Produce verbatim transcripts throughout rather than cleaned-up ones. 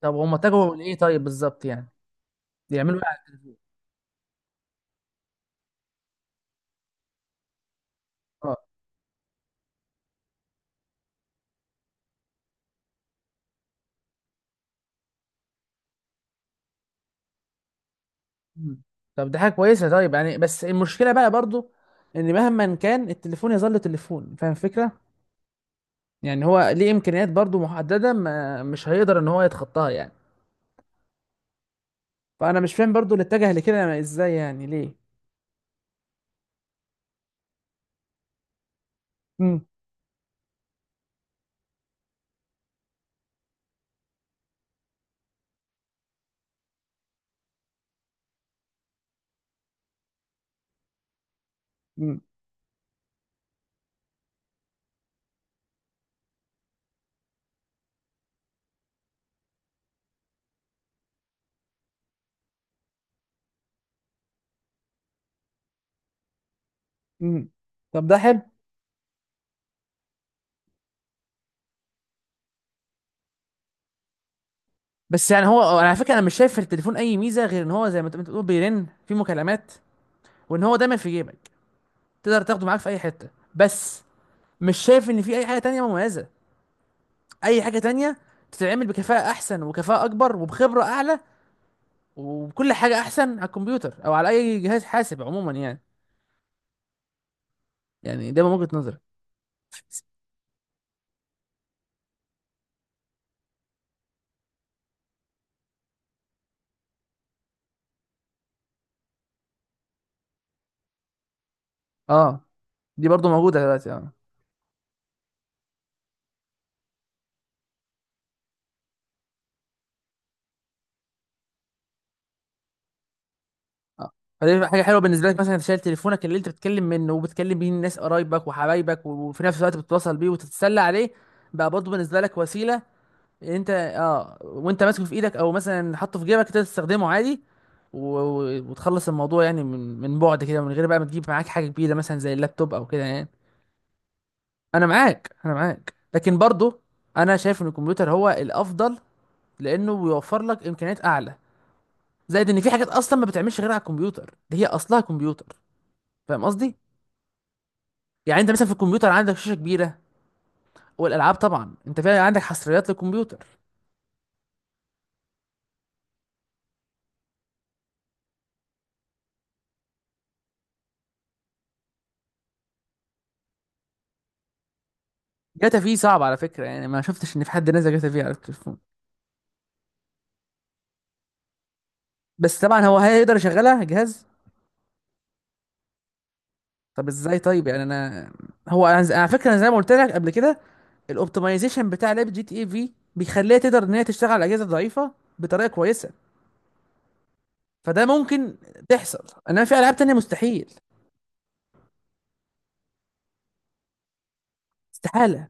طب هم اتجهوا لايه طيب بالظبط يعني؟ بيعملوا ايه على التلفزيون؟ اه. مم. طب دي حاجه كويسه طيب يعني. بس المشكله بقى برضو ان مهما كان التليفون يظل تليفون، فاهم الفكره؟ يعني هو ليه امكانيات برضو محدده، ما مش هيقدر ان هو يتخطاها يعني. فانا مش فاهم برضو اللي اتجه لكده يعني ازاي، يعني ليه؟ مم. مم. مم. طب ده حلو. بس يعني هو على فكره انا مش شايف في التليفون اي ميزه غير ان هو زي ما انت بتقول بيرن في مكالمات، وان هو دايما في جيبك تقدر تاخده معاك في اي حته. بس مش شايف ان في اي حاجه تانية مميزه. اي حاجه تانية تتعمل بكفاءه احسن وكفاءه اكبر وبخبره اعلى وبكل حاجه احسن على الكمبيوتر او على اي جهاز حاسب عموما يعني. يعني ده من وجهه نظري. اه. دي برضو موجوده دلوقتي اه. آه. فدي حاجه حلوه بالنسبه لك مثلا، انت شايل تليفونك اللي انت بتتكلم منه وبتكلم بيه الناس قرايبك وحبايبك وفي نفس الوقت بتتواصل بيه وتتسلى عليه. بقى برضو بالنسبه لك وسيله انت اه وانت ماسكه في ايدك او مثلا حاطه في جيبك تقدر تستخدمه عادي، و... و- وتخلص الموضوع يعني من من بعد كده، من غير بقى ما تجيب معاك حاجه كبيره مثلا زي اللابتوب او كده يعني. انا معاك، انا معاك، لكن برضو انا شايف ان الكمبيوتر هو الافضل لانه بيوفر لك امكانيات اعلى. زائد ان في حاجات اصلا ما بتعملش غير على الكمبيوتر، دي هي اصلها كمبيوتر، فاهم قصدي؟ يعني انت مثلا في الكمبيوتر عندك شاشه كبيره. والالعاب طبعا انت فعلا عندك حصريات للكمبيوتر. جاتا في صعب على فكره، يعني ما شفتش ان في حد نزل جاتا في على التليفون. بس طبعا هو هيقدر يشغلها جهاز. طب ازاي طيب يعني؟ انا هو انا ز- على فكره انا زي ما قلت لك قبل كده، الاوبتمايزيشن بتاع لعبه جي تي اي في بيخليها تقدر ان هي تشتغل على الاجهزه الضعيفه بطريقه كويسه. فده ممكن تحصل، انما في العاب تانية مستحيل. استحاله.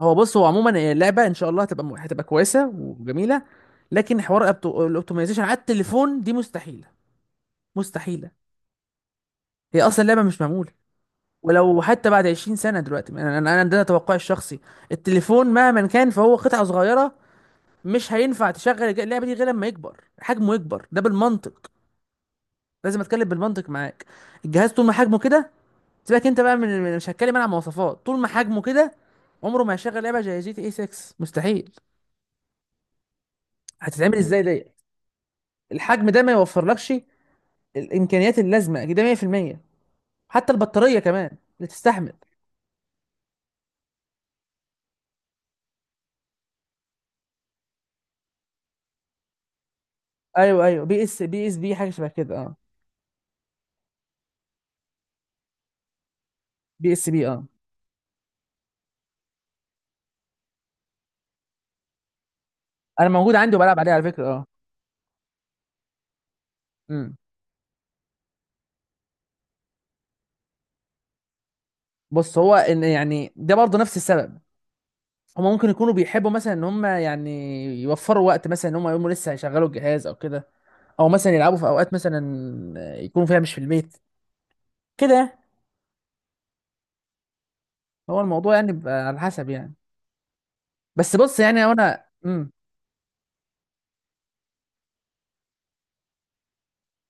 هو بص، هو عموما اللعبه ان شاء الله هتبقى م- هتبقى كويسه وجميله. لكن حوار الأبتو- الاوبتمايزيشن على التليفون دي مستحيله. مستحيله. هي اصلا اللعبه مش معموله. ولو حتى بعد عشرين سنة دلوقتي، انا انا أنا ده توقعي الشخصي. التليفون مهما كان فهو قطعة صغيرة، مش هينفع تشغل الج- اللعبة دي غير لما يكبر حجمه. يكبر ده بالمنطق، لازم اتكلم بالمنطق معاك. الجهاز طول ما حجمه كده، سيبك انت بقى من من- مش هتكلم انا عن مواصفات. طول ما حجمه كده، عمره ما هيشغل لعبة زي جي تي اي سكس. مستحيل. هتتعمل ازاي ديت؟ الحجم ده ما يوفرلكش الامكانيات اللازمة، ده مية في المية. حتى البطارية كمان اللي تستحمل. ايوه ايوه، بي اس بي اس بي، حاجة شبه كده اه. بي اس بي اه. انا موجود عندي وبلعب عليه على فكره. اه امم بص هو ان يعني ده برضه نفس السبب. هما ممكن يكونوا بيحبوا مثلا ان هما يعني يوفروا وقت، مثلا ان هما يقوموا لسه هيشغلوا الجهاز او كده، او مثلا يلعبوا في اوقات مثلا يكونوا فيها مش في البيت. كده يعني. هو الموضوع يعني بيبقى على حسب يعني. بس بص يعني هو انا امم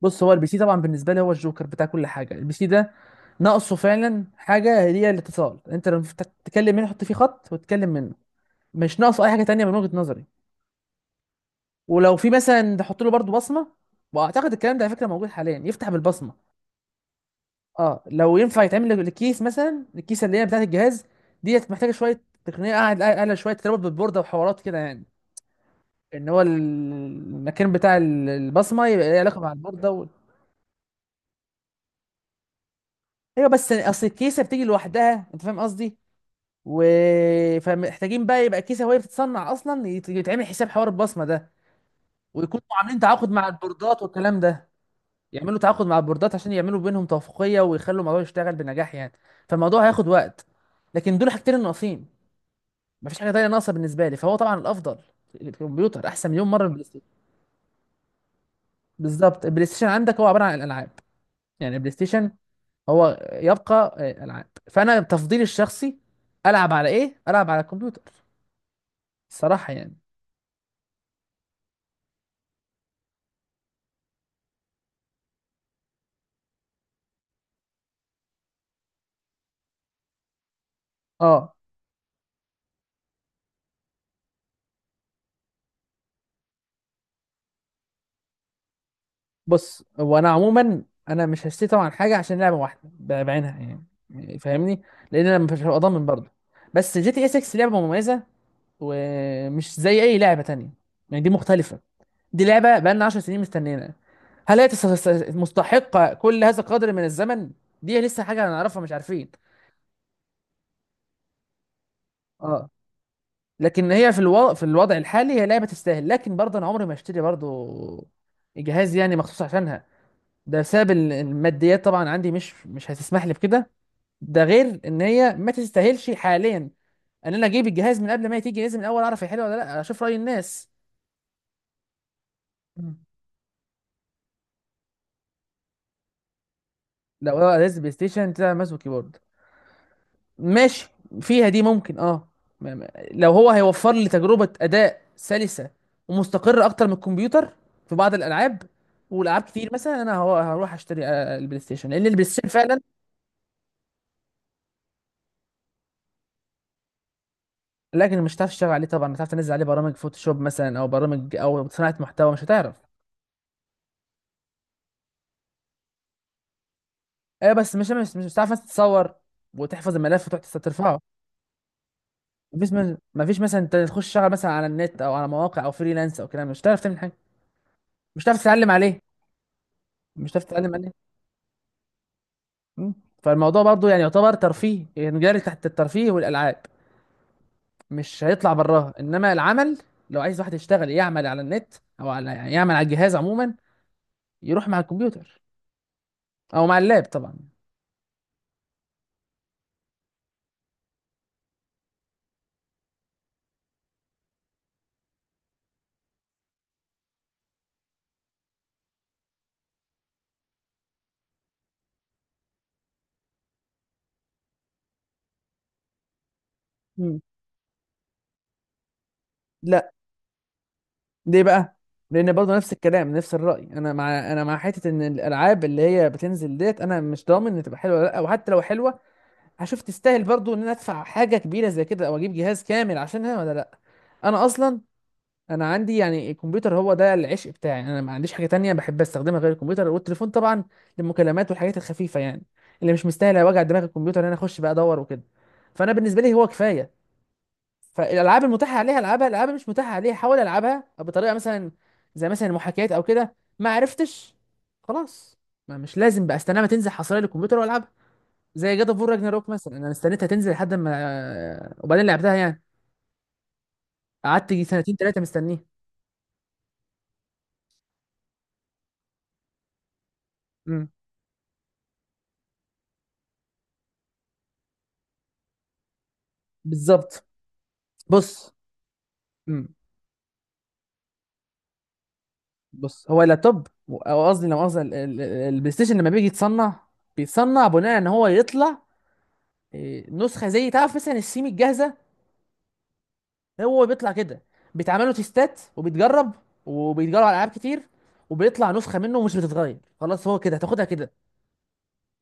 بص هو البي سي طبعا بالنسبه لي هو الجوكر بتاع كل حاجه. البي سي ده ناقصه فعلا حاجه، هي الاتصال. انت لما تتكلم منه، حط فيه خط وتتكلم منه. مش ناقصه اي حاجه تانية من وجهه نظري. ولو في مثلا تحط له برضو بصمه، واعتقد الكلام ده على فكره موجود حاليا، يفتح بالبصمه اه. لو ينفع يتعمل الكيس مثلا، الكيسه اللي هي بتاعه الجهاز ديت، محتاجه شويه تقنيه قاعد اعلى شويه، تربط بالبورده وحوارات كده يعني. ان هو ال- المكان بتاع ال- البصمه يبقى ليه علاقه مع البورده و... ايوه بس اصل الكيسه بتيجي لوحدها، انت فاهم قصدي؟ و فمحتاجين بقى يبقى الكيسه وهي بتتصنع اصلا يت- يتعمل حساب حوار البصمه ده. ويكونوا عاملين تعاقد مع البوردات والكلام ده. يعملوا تعاقد مع البوردات عشان يعملوا بينهم توافقيه ويخلوا الموضوع يشتغل بنجاح يعني. فالموضوع هياخد وقت. لكن دول حاجتين الناقصين. مفيش حاجه تانية ناقصه بالنسبه لي، فهو طبعا الافضل. الكمبيوتر احسن مليون مره من البلاي ستيشن. بالظبط، البلاي ستيشن عندك هو عباره عن الالعاب. يعني البلاي ستيشن هو يبقى آه، العاب. فانا تفضيلي الشخصي العب على ايه؟ العب على الكمبيوتر، الصراحه يعني. اه. بص هو انا عموما انا مش هشتكي طبعا حاجه عشان لعبه واحده ب- بعينها يعني. يعني فاهمني؟ لان انا مش هبقى ضامن برضه. بس جي تي اس سكس لعبه مميزه، ومش زي اي لعبه تانية يعني. دي مختلفه. دي لعبه بقالنا عشر سنين مستنينا. هل هي تس- تس- مستحقه كل هذا القدر من الزمن؟ دي لسه حاجه هنعرفها، مش عارفين. اه. لكن هي في الوضع في الوضع الحالي هي لعبه تستاهل، لكن برضه انا عمري ما اشتري برضه جهاز يعني مخصوص عشانها. ده بسبب ال- الماديات طبعا عندي، مش مش هتسمح لي بكده. ده غير ان هي ما تستاهلش حاليا ان انا اجيب الجهاز من قبل ما تيجي. لازم الاول اعرف هي حلوه ولا لا، اشوف راي الناس. مم. لو هو جهاز بلاي ستيشن تلعب ماوس وكيبورد، ماشي، فيها دي ممكن اه. ما- ما- لو هو هيوفر لي تجربه اداء سلسه ومستقره اكتر من الكمبيوتر في بعض الالعاب والعاب كتير، مثلا انا هو هروح اشتري آه، البلاي ستيشن، لان البلاي ستيشن فعلا. لكن مش هتعرف تشتغل عليه طبعا، مش هتعرف تنزل عليه برامج فوتوشوب مثلا او برامج او صناعه محتوى، مش هتعرف. ايه بس مش مش مش بتعرف مثلا تتصور وتحفظ الملف وتروح تس- ترفعه. مفيش مز... مفيش مثلا انت تخش تشتغل مثلا على النت او على مواقع او فريلانس او كلام، مش هتعرف تعمل حاجه. مش هتعرف تتعلم عليه مش هتعرف تتعلم عليه مم. فالموضوع برضو يعني يعتبر ترفيه يعني، جاري تحت الترفيه والالعاب، مش هيطلع براها انما العمل. لو عايز واحد يشتغل يعمل على النت، او على يعني يعمل على الجهاز عموما، يروح مع الكمبيوتر او مع اللاب طبعا. مم. لا. ليه بقى؟ لان برضه نفس الكلام نفس الراي، انا مع انا مع حته ان الالعاب اللي هي بتنزل ديت، انا مش ضامن ان تبقى حلوه ولا لا، وحتى لو حلوه هشوف تستاهل برضه ان انا ادفع حاجه كبيره زي كده او اجيب جهاز كامل عشانها ولا لا. انا اصلا انا عندي يعني الكمبيوتر هو ده العشق بتاعي. انا ما عنديش حاجه تانية بحب استخدمها غير الكمبيوتر والتليفون طبعا للمكالمات والحاجات الخفيفه يعني، اللي مش مستاهله وجع دماغ الكمبيوتر ان انا اخش بقى ادور وكده. فانا بالنسبه لي هو كفايه. فالالعاب المتاحه عليها العبها، الالعاب اللي مش متاحه عليها حاول العبها بطريقه مثلا زي مثلا المحاكيات او كده. ما عرفتش خلاص، ما مش لازم بقى استناها، ما تنزل حصريه للكمبيوتر والعبها. زي جاد اوف وور راجناروك مثلا، انا استنيتها تنزل لحد ما وبعدين لعبتها يعني. قعدت يجي سنتين ثلاثه مستنيه. امم. بالظبط. بص. امم. بص هو اللابتوب او قصدي لو قصدي ال- ال- البلاي ستيشن لما بيجي يتصنع، بيتصنع بناء ان هو يطلع إيه، نسخه زي تعرف مثلا السيمي الجاهزه. هو بيطلع كده، بيتعملوا تيستات وبيتجرب وبيتجرب على العاب كتير، وبيطلع نسخه منه مش بتتغير خلاص. هو كده هتاخدها كده.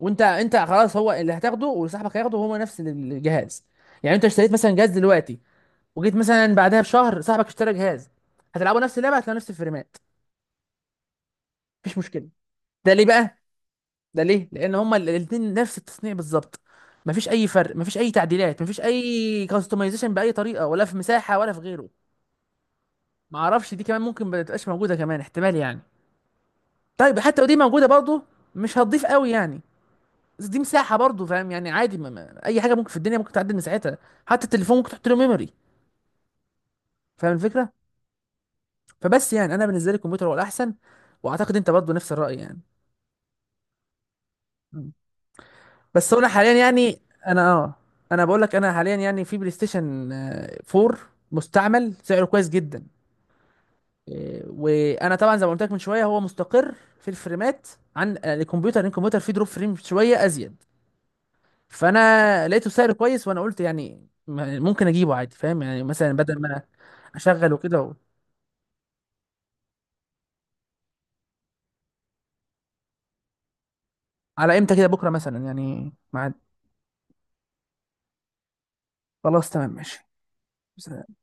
وانت انت خلاص هو اللي هتاخده وصاحبك هياخده، هو نفس الجهاز. يعني انت اشتريت مثلا جهاز دلوقتي، وجيت مثلا بعدها بشهر صاحبك اشترى جهاز، هتلعبوا نفس اللعبه هتلاقوا نفس الفريمات. مفيش مشكله. ده ليه بقى؟ ده ليه لان هما الاثنين نفس التصنيع بالظبط. مفيش اي فرق، مفيش اي تعديلات، مفيش اي كاستمايزيشن باي طريقه ولا في مساحه ولا في غيره. معرفش دي كمان ممكن ما تبقاش موجوده كمان، احتمال يعني. طيب حتى لو دي موجوده برضه مش هتضيف قوي يعني. بس دي مساحه برضه فاهم يعني عادي، ما ما اي حاجه ممكن في الدنيا ممكن تعدل مساحتها. حتى التليفون ممكن تحط له ميموري، فاهم الفكره؟ فبس يعني انا بالنسبه لي الكمبيوتر هو الاحسن، واعتقد انت برضه نفس الراي يعني. م. بس هو انا حاليا يعني، انا اه انا بقول لك انا حاليا يعني في بلاي ستيشن آه، فور مستعمل سعره كويس جدا. آه، وانا طبعا زي ما قلت لك من شويه هو مستقر في الفريمات عن آه، الكمبيوتر، لأن الكمبيوتر فيه دروب فريم شويه ازيد. فانا لقيته سعر كويس وانا قلت يعني م- ممكن اجيبه عادي فاهم يعني، مثلا بدل ما اشغل وكده. على امتى كده؟ بكره مثلا يعني ميعاد؟ خلاص تمام ماشي. سلام.